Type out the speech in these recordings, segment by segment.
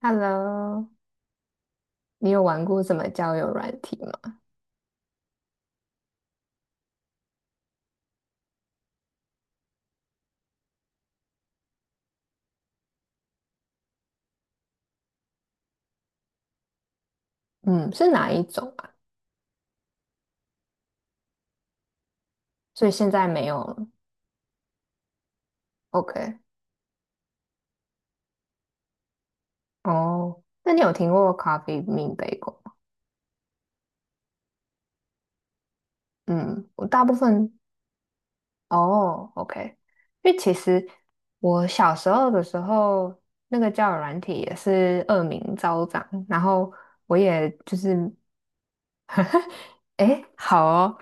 Hello，你有玩过什么交友软体吗？嗯，是哪一种啊？所以现在没有了。OK，哦，那你有听过 Coffee Bean b a g e 吗？嗯，我大部分哦，OK，因为其实我小时候的时候，那个交友软体也是恶名昭彰，然后我也就是，诶，好哦，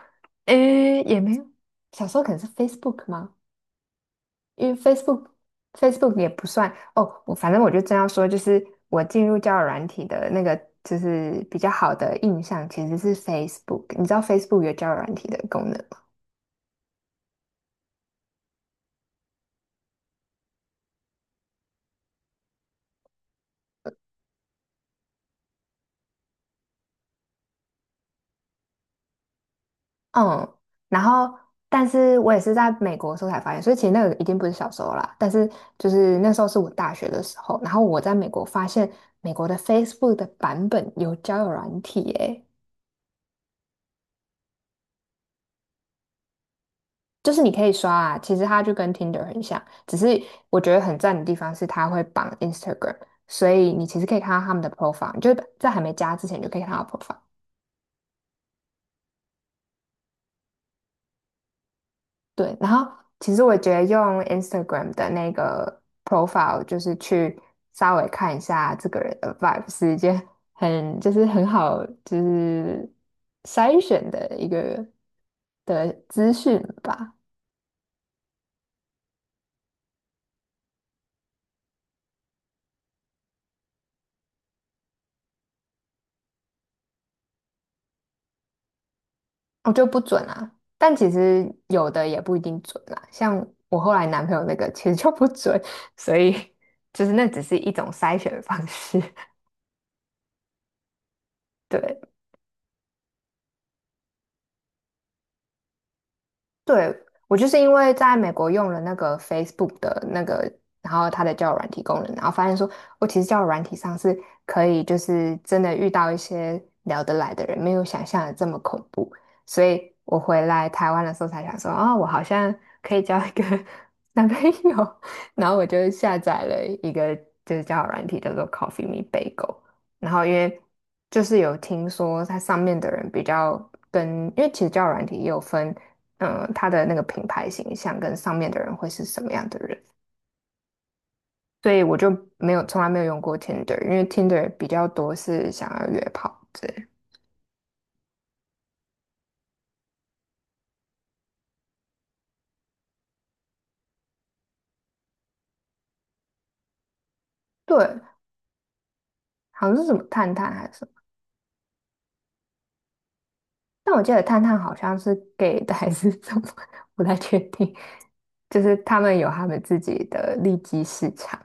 诶，也没有，小时候可能是 Facebook 吗？因为 Facebook 也不算哦，我反正我就正要说，就是我进入交友软体的那个，就是比较好的印象其实是 Facebook。你知道 Facebook 有交友软体的功能吗？嗯，然后但是我也是在美国的时候才发现，所以其实那个已经不是小时候啦，但是就是那时候是我大学的时候，然后我在美国发现美国的 Facebook 的版本有交友软体耶、就是你可以刷啊，其实它就跟 Tinder 很像，只是我觉得很赞的地方是它会绑 Instagram，所以你其实可以看到他们的 profile，你就在还没加之前你就可以看到 profile。对，然后其实我觉得用 Instagram 的那个 profile，就是去稍微看一下这个人的 vibe，是一件很就是很好就是筛选的一个的资讯吧。我就不准啊。但其实有的也不一定准啦，像我后来男朋友那个其实就不准，所以 就是那只是一种筛选方式。对，对，我就是因为在美国用了那个 Facebook 的那个，然后它的交友软体功能，然后发现说，我其实交友软体上是可以，就是真的遇到一些聊得来的人，没有想象的这么恐怖。所以我回来台湾的时候才想说，哦，我好像可以交一个 男朋友，然后我就下载了一个就是交友软体，叫做 Coffee Me Bagel。然后因为就是有听说它上面的人比较跟，因为其实交友软体也有分。嗯，他的那个品牌形象跟上面的人会是什么样的人，所以我就没有从来没有用过 Tinder，因为 Tinder 比较多是想要约炮之类的。对，好像是什么探探还是什么，但我记得探探好像是 gay 的还是什么，不太确定。就是他们有他们自己的利基市场，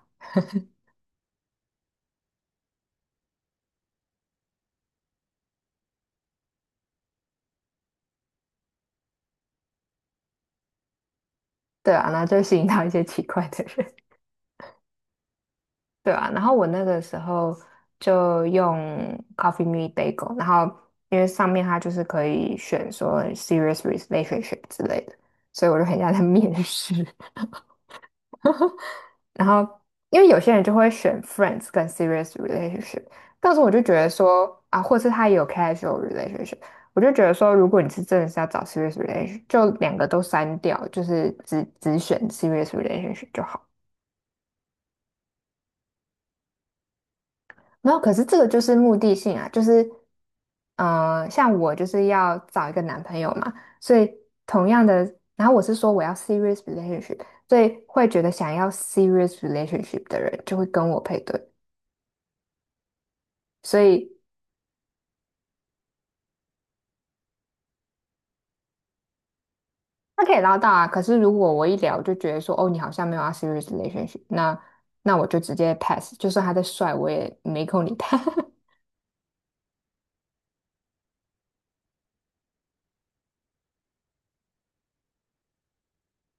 对啊，那就吸引到一些奇怪的人。对啊，然后我那个时候就用 Coffee Me Bagel，然后因为上面它就是可以选说 serious relationship 之类的，所以我就很像在面试。然后因为有些人就会选 friends 跟 serious relationship，但是我就觉得说啊，或是他也有 casual relationship，我就觉得说，如果你是真的是要找 serious relationship，就两个都删掉，就是只选 serious relationship 就好。没有，可是这个就是目的性啊，就是。像我就是要找一个男朋友嘛，所以同样的，然后我是说我要 serious relationship，所以会觉得想要 serious relationship 的人就会跟我配对，所以他可以捞到啊。可是如果我一聊就觉得说，哦，你好像没有要 serious relationship，那我就直接 pass，就算他再帅，我也没空理他，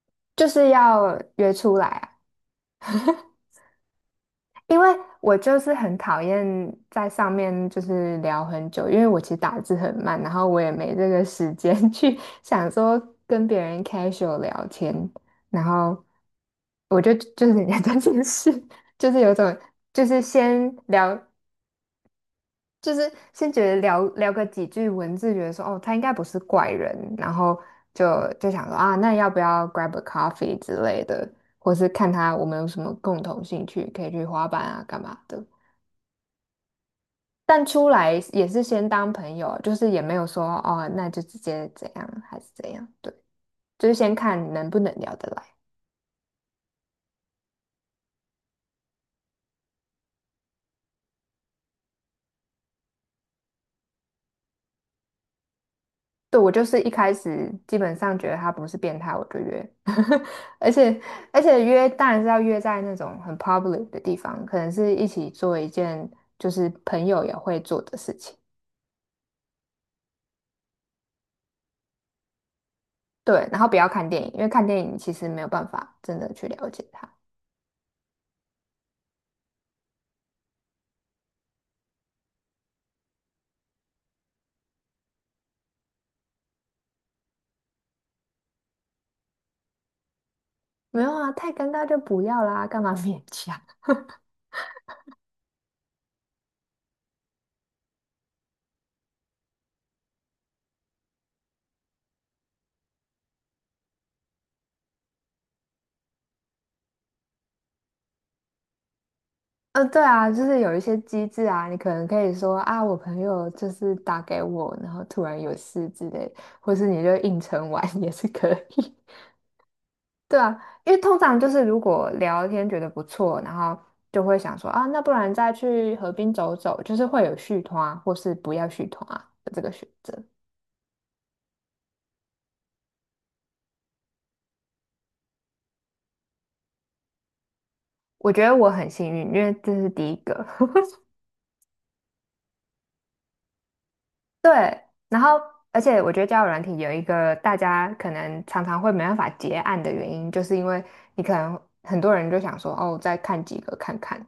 就是要约出来啊。因为我就是很讨厌在上面就是聊很久，因为我其实打字很慢，然后我也没这个时间 去想说跟别人 casual 聊天，然后我就是人家这件事，就是有种就是先聊，就是先觉得聊聊个几句文字，觉得说哦他应该不是怪人，然后就就想说啊，那要不要 grab a coffee 之类的，或是看他我们有什么共同兴趣，可以去滑板啊干嘛的。但出来也是先当朋友，就是也没有说哦，那就直接怎样还是怎样，对，就是先看能不能聊得来。对，我就是一开始基本上觉得他不是变态，我就约，而且而且约当然是要约在那种很 public 的地方，可能是一起做一件就是朋友也会做的事情，对，然后不要看电影，因为看电影其实没有办法真的去了解他。没有啊，太尴尬就不要啦，干嘛勉强？对啊，就是有一些机制啊，你可能可以说啊，我朋友就是打给我，然后突然有事之类的，或是你就硬承完 也是可以。对啊，因为通常就是如果聊天觉得不错，然后就会想说啊，那不然再去河滨走走，就是会有续团啊或是不要续团啊的这个选择。我觉得我很幸运，因为这是第一个。对，然后而且我觉得交友软体有一个大家可能常常会没办法结案的原因，就是因为你可能很多人就想说，哦，再看几个看看，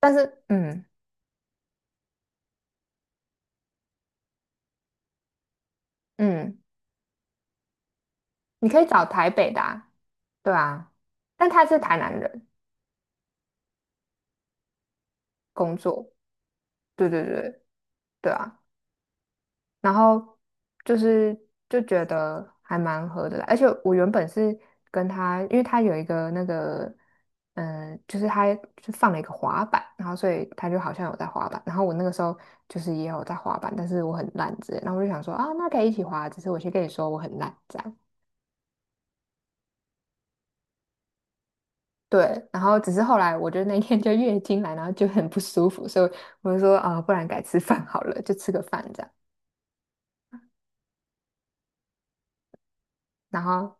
但是嗯嗯，你可以找台北的啊，对啊，但他是台南人工作，对对对对啊。然后就是就觉得还蛮合的啦，而且我原本是跟他，因为他有一个那个，嗯，就是他就放了一个滑板，然后所以他就好像有在滑板，然后我那个时候就是也有在滑板，但是我很烂之类，然后我就想说啊，那可以一起滑，只是我先跟你说我很烂这样。对，然后只是后来我就那天就月经来，然后就很不舒服，所以我就说啊、不然改吃饭好了，就吃个饭这样。然后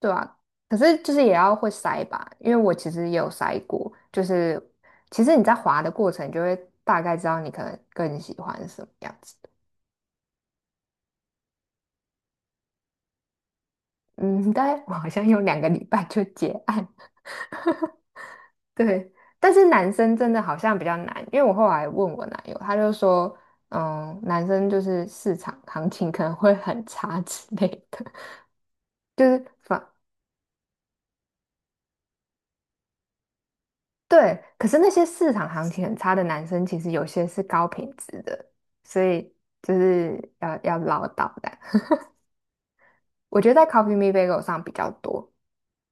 对啊，可是就是也要会筛吧，因为我其实也有筛过，就是其实你在滑的过程，你就会大概知道你可能更喜欢什么样子的。嗯，大概我好像用两个礼拜就结案，对。但是男生真的好像比较难，因为我后来问我男友，他就说，嗯，男生就是市场行情可能会很差之类的，就是反对，可是那些市场行情很差的男生，其实有些是高品质的，所以就是要唠叨的。我觉得在 c o p y e e Me b a g e 上比较多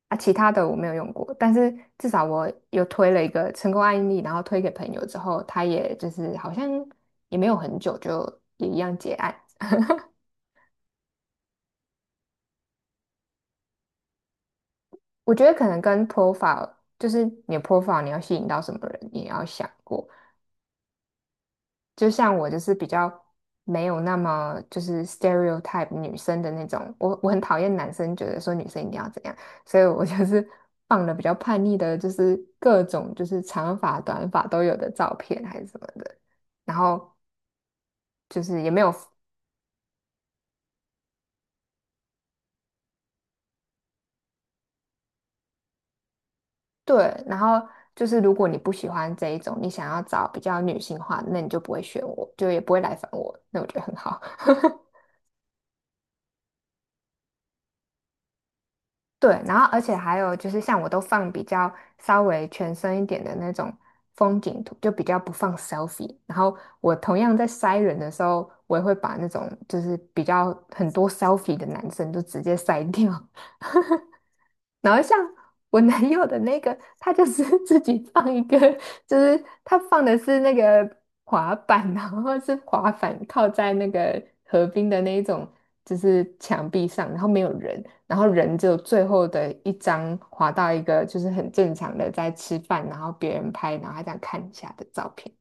啊，其他的我没有用过，但是至少我有推了一个成功案例，然后推给朋友之后，他也就是好像也没有很久就也一样结案。我觉得可能跟 profile，就是你的 profile 你要吸引到什么人，你也要想过。就像我就是比较没有那么就是 stereotype 女生的那种，我很讨厌男生觉得说女生一定要怎样，所以我就是放了比较叛逆的，就是各种就是长发短发都有的照片还是什么的，然后就是也没有对，然后就是如果你不喜欢这一种，你想要找比较女性化的，那你就不会选我，就也不会来烦我，那我觉得很好。对，然后而且还有就是像我都放比较稍微全身一点的那种风景图，就比较不放 selfie。然后我同样在筛人的时候，我也会把那种就是比较很多 selfie 的男生就直接筛掉。然后像我男友的那个，他就是 自己放一个，就是他放的是那个滑板，然后是滑板靠在那个河滨的那一种，就是墙壁上，然后没有人，然后人只有最后的一张滑到一个就是很正常的在吃饭，然后别人拍，然后他这样看一下的照片。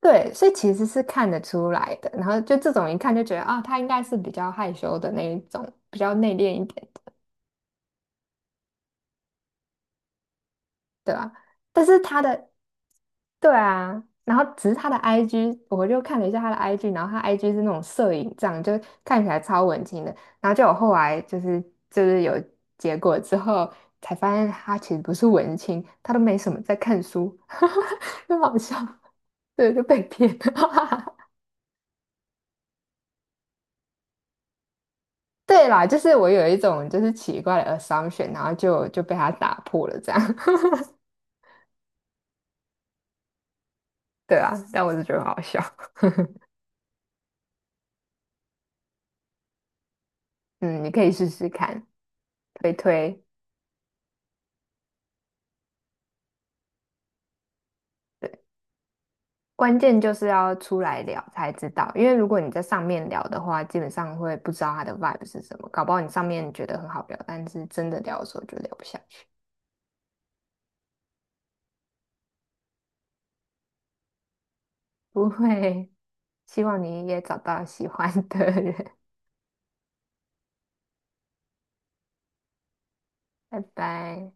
对，所以其实是看得出来的。然后就这种一看就觉得啊，他应该是比较害羞的那一种，比较内敛一点。对啊，但是他的对啊，然后只是他的 IG，我就看了一下他的 IG，然后他 IG 是那种摄影这样，就看起来超文青的。然后就我后来就是就是有结果之后，才发现他其实不是文青，他都没什么在看书，很好笑，对，就被骗了。对啦，就是我有一种就是奇怪的 assumption，然后就被他打破了这样。对啊，但我是觉得很好笑。嗯，你可以试试看，推推。关键就是要出来聊才知道，因为如果你在上面聊的话，基本上会不知道他的 vibe 是什么，搞不好你上面觉得很好聊，但是真的聊的时候就聊不下去。不会，希望你也找到喜欢的人，拜拜。